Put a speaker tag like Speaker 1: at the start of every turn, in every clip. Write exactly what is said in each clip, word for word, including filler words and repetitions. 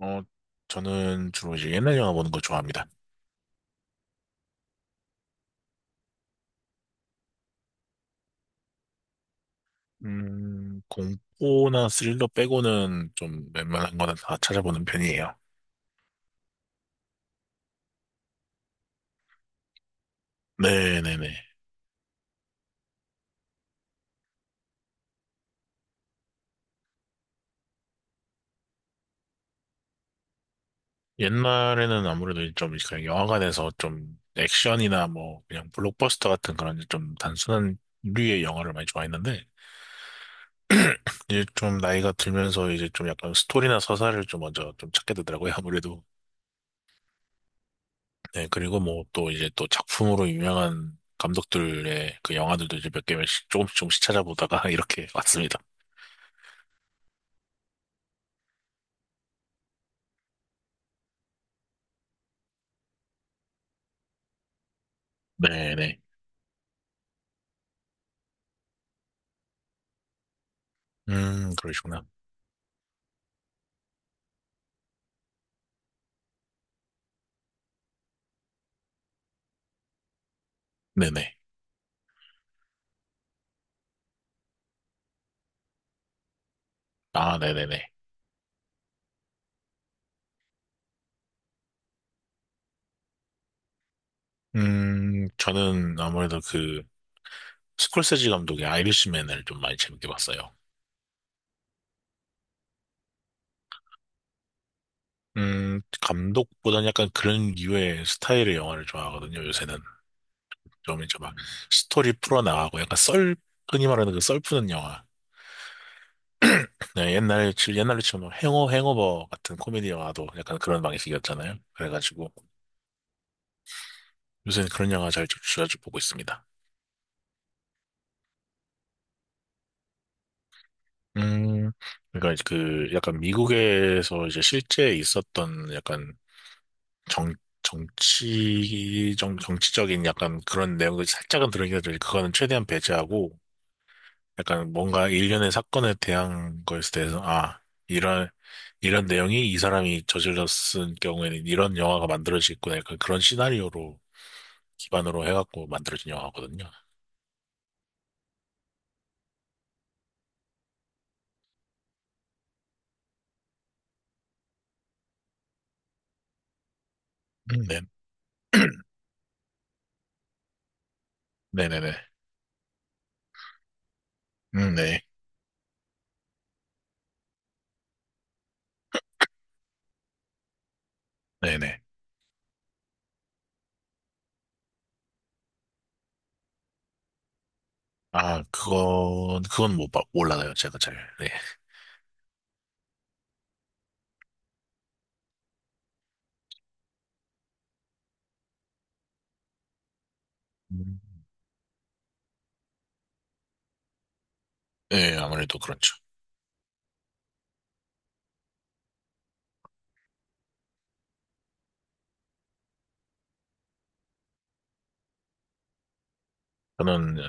Speaker 1: 어, 저는 주로 이제 옛날 영화 보는 걸 좋아합니다. 음, 공포나 스릴러 빼고는 좀 웬만한 거는 다 찾아보는 편이에요. 네네네. 옛날에는 아무래도 좀 그냥 영화관에서 좀 액션이나 뭐 그냥 블록버스터 같은 그런 좀 단순한 류의 영화를 많이 좋아했는데 이제 좀 나이가 들면서 이제 좀 약간 스토리나 서사를 좀 먼저 좀 찾게 되더라고요. 아무래도. 네, 그리고 뭐 또 이제 또 작품으로 유명한 감독들의 그 영화들도 이제 몇 개씩 조금씩 조금씩 찾아보다가 이렇게 왔습니다. 네네. 음, 그러시구나. 네네. 아, 네네네. 음, 저는 아무래도 그 스콜세지 감독의 아이리시맨을 좀 많이 재밌게 봤어요. 음, 감독보다는 약간 그런 류의 스타일의 영화를 좋아하거든요, 요새는. 좀 이제 막 스토리 풀어나가고 약간 썰, 흔히 말하는 그 썰 푸는 영화. 네, 옛날에, 치- 옛날에 치면 뭐 행어, 행어버 같은 코미디 영화도 약간 그런 방식이었잖아요. 그래가지고 요새는 그런 영화 잘쭉 자주 보고 있습니다. 음, 그러니까 그 약간 미국에서 이제 실제 있었던 약간 정, 정치, 정, 정치적인 약간 그런 내용들 살짝은 들어있긴 하지 그거는 최대한 배제하고 약간 뭔가 일련의 사건에 대한 거에 대해서, 아, 이런, 이런 내용이 이 사람이 저질렀을 경우에는 이런 영화가 만들어지겠구나. 약간 그런 시나리오로 기반으로 해갖고 만들어진 영화거든요. 음, 네, 음. 네네네. 음, 네. 네네. 아, 그건, 그건 못, 봐- 몰라요. 제가 잘. 네. 음. 네, 아무래도 그렇죠. 저는,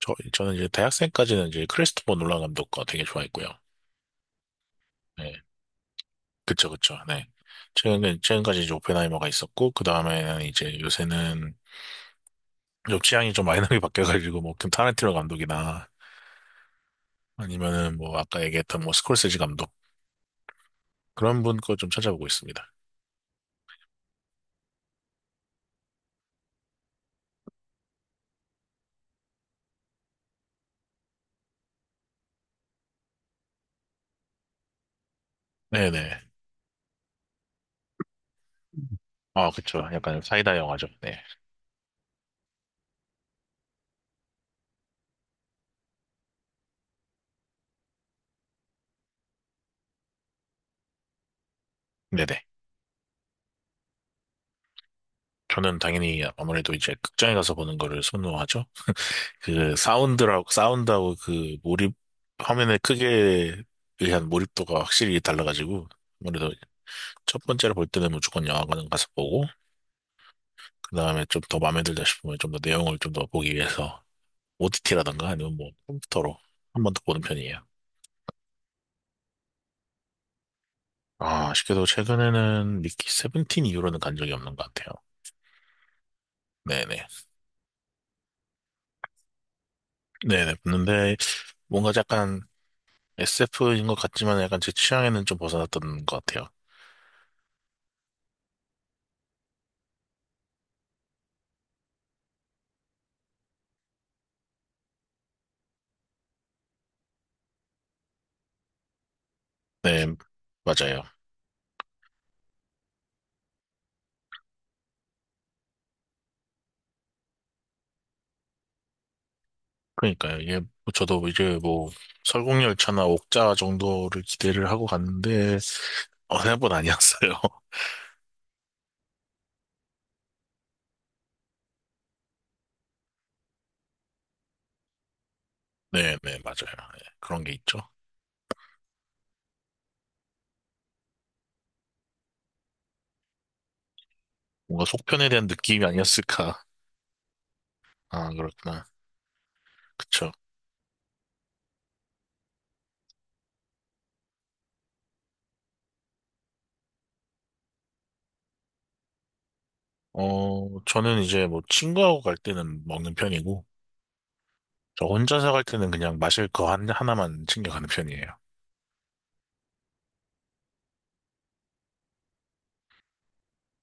Speaker 1: 저, 저는 이제 대학생까지는 이제 크리스토퍼 놀란 감독과 되게 좋아했고요. 네. 그쵸, 그쵸. 네. 최근에, 최근까지 이제 오펜하이머가 있었고, 그 다음에는 이제 요새는 좀 취향이 좀 많이 나게 바뀌어가지고, 뭐, 그 타란티노 감독이나, 아니면은 뭐, 아까 얘기했던 뭐, 스콜세지 감독. 그런 분 거 좀 찾아보고 있습니다. 네네. 아, 그쵸. 약간 사이다 영화죠. 네. 네네. 저는 당연히 아무래도 이제 극장에 가서 보는 거를 선호하죠. 그 사운드라고, 사운드하고 그 몰입, 화면의 크기에 의한 몰입도가 확실히 달라가지고, 아무래로 첫 번째로 볼 때는 무조건 영화관을 가서 보고, 그 다음에 좀 더 마음에 들다 싶으면 좀 더 내용을 좀 더 보기 위해서 오티티라던가 아니면 뭐 컴퓨터로 한 번 더 보는 편이에요. 아, 아쉽게도 최근에는 미키 세븐틴 이후로는 간 적이 없는 것 같아요. 네네. 네네. 봤는데, 뭔가 약간 에스에프인 것 같지만 약간 제 취향에는 좀 벗어났던 것 같아요. 네, 맞아요. 그러니까요. 이게 뭐 저도 이제 뭐 설국열차나 옥자 정도를 기대를 하고 갔는데 어느 보다 아니었어요. 네, 네, 맞아요. 예, 그런 게 있죠. 뭔가 속편에 대한 느낌이 아니었을까. 아, 그렇구나. 그쵸. 어, 저는 이제 뭐 친구하고 갈 때는 먹는 편이고, 저 혼자서 갈 때는 그냥 마실 거 한- 하나만 챙겨가는 편이에요.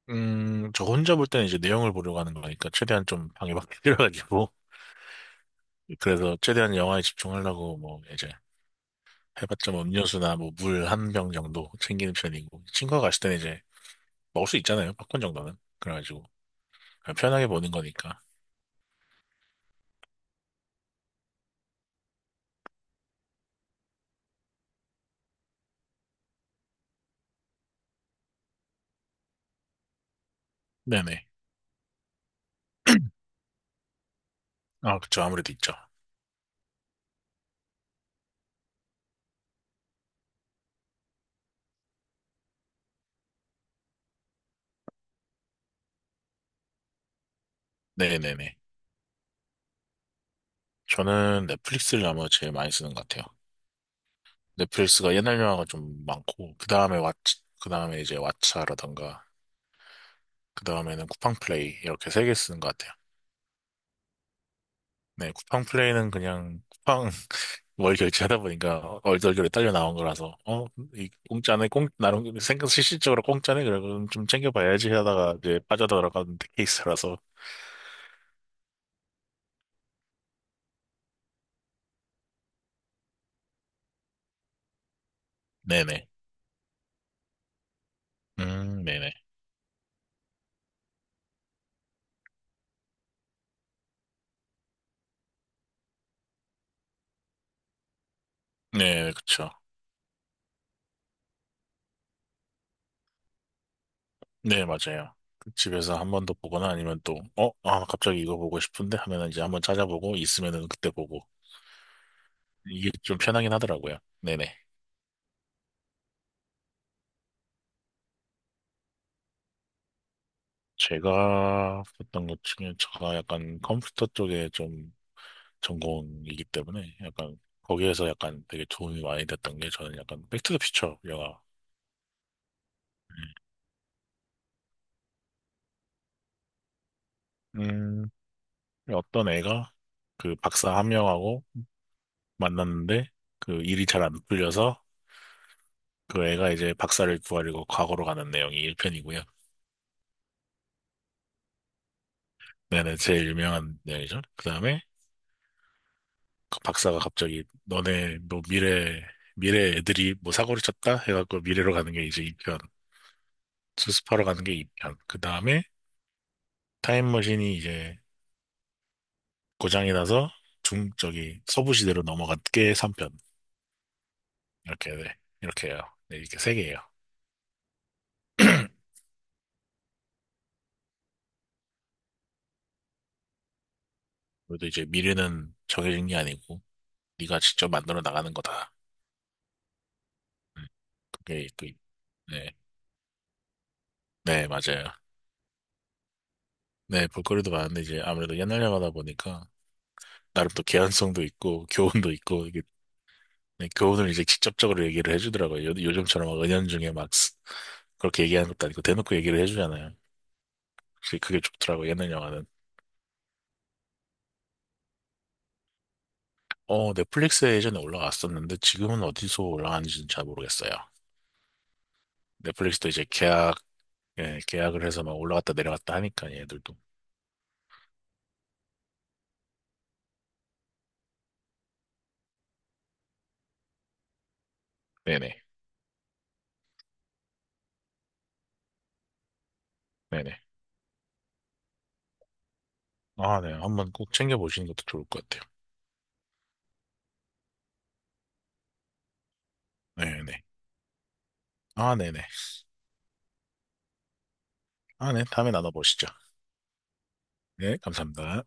Speaker 1: 음, 저 혼자 볼 때는 이제 내용을 보려고 하는 거니까, 최대한 좀 방해받기 싫어가지고. 그래서 최대한 영화에 집중하려고, 뭐, 이제, 해봤자 뭐 음료수나 뭐 물 한 병 정도 챙기는 편이고, 친구가 갔을 때는 이제 먹을 수 있잖아요, 팝콘 정도는. 그래가지고, 그냥 편하게 보는 거니까. 네네. 아, 그쵸. 아무래도 있죠. 네네네. 저는 넷플릭스를 아마 제일 많이 쓰는 것 같아요. 넷플릭스가 옛날 영화가 좀 많고, 그 다음에 왓 그 다음에 이제 왓챠라던가, 그 다음에는 쿠팡플레이, 이렇게 세 개 쓰는 것 같아요. 네, 쿠팡 플레이는 그냥 쿠팡 월 결제하다 보니까 얼떨결에 딸려 나온 거라서 어, 이 공짜네, 공 나름 생각 실질적으로 공짜네 그래 그럼 좀 챙겨봐야지 하다가 이제 빠져들어가는 케이스라서 네네, 음, 네네, 네, 그쵸, 네, 맞아요. 그 집에서 한 번 더 보거나 아니면 또 어, 아, 갑자기 이거 보고 싶은데 하면은 이제 한번 찾아보고 있으면은 그때 보고 이게 좀 편하긴 하더라고요. 네네. 제가 했던 것 중에 제가 약간 컴퓨터 쪽에 좀 전공이기 때문에 약간 거기에서 약간 되게 도움이 많이 됐던 게 저는 약간 백투더퓨처 영화. 음, 음, 어떤 애가 그 박사 한 명하고 만났는데 그 일이 잘 안 풀려서 그 애가 이제 박사를 구하려고 과거로 가는 내용이 일 편이고요. 네네, 제일 유명한 내용이죠. 그 다음에 그 박사가 갑자기 너네 뭐 미래, 미래 애들이 뭐 사고를 쳤다? 해갖고 미래로 가는 게 이제 이편 수습하러 가는 게 이 편. 그 다음에 타임머신이 이제 고장이 나서 중, 저기 서부시대로 넘어간 게 삼 편. 이렇게, 네. 이렇게 해요. 네, 이렇게 세개예요 그래도 이제 미래는 정해진 게 아니고, 네가 직접 만들어 나가는 거다. 음, 그게 있 네. 네, 맞아요. 네, 볼거리도 많은데 이제 아무래도 옛날 영화다 보니까 나름 또 개연성도 있고, 교훈도 있고, 이게 네, 교훈을 이제 직접적으로 얘기를 해주더라고요. 요, 요즘처럼 막 은연중에 막 쓰- 그렇게 얘기하는 것도 아니고 대놓고 얘기를 해주잖아요. 그게, 그게 좋더라고, 예능 영화는. 어, 넷플릭스에 예전에 올라왔었는데 지금은 어디서 올라가는지는 잘 모르겠어요. 넷플릭스도 이제 계약, 예, 계약을 해서 막 올라갔다 내려갔다 하니까 얘들도. 네네. 네네. 아, 네. 한번 꼭 챙겨보시는 것도 좋을 것 같아요. 네네. 아, 네네. 아, 네. 다음에 나눠보시죠. 네, 감사합니다.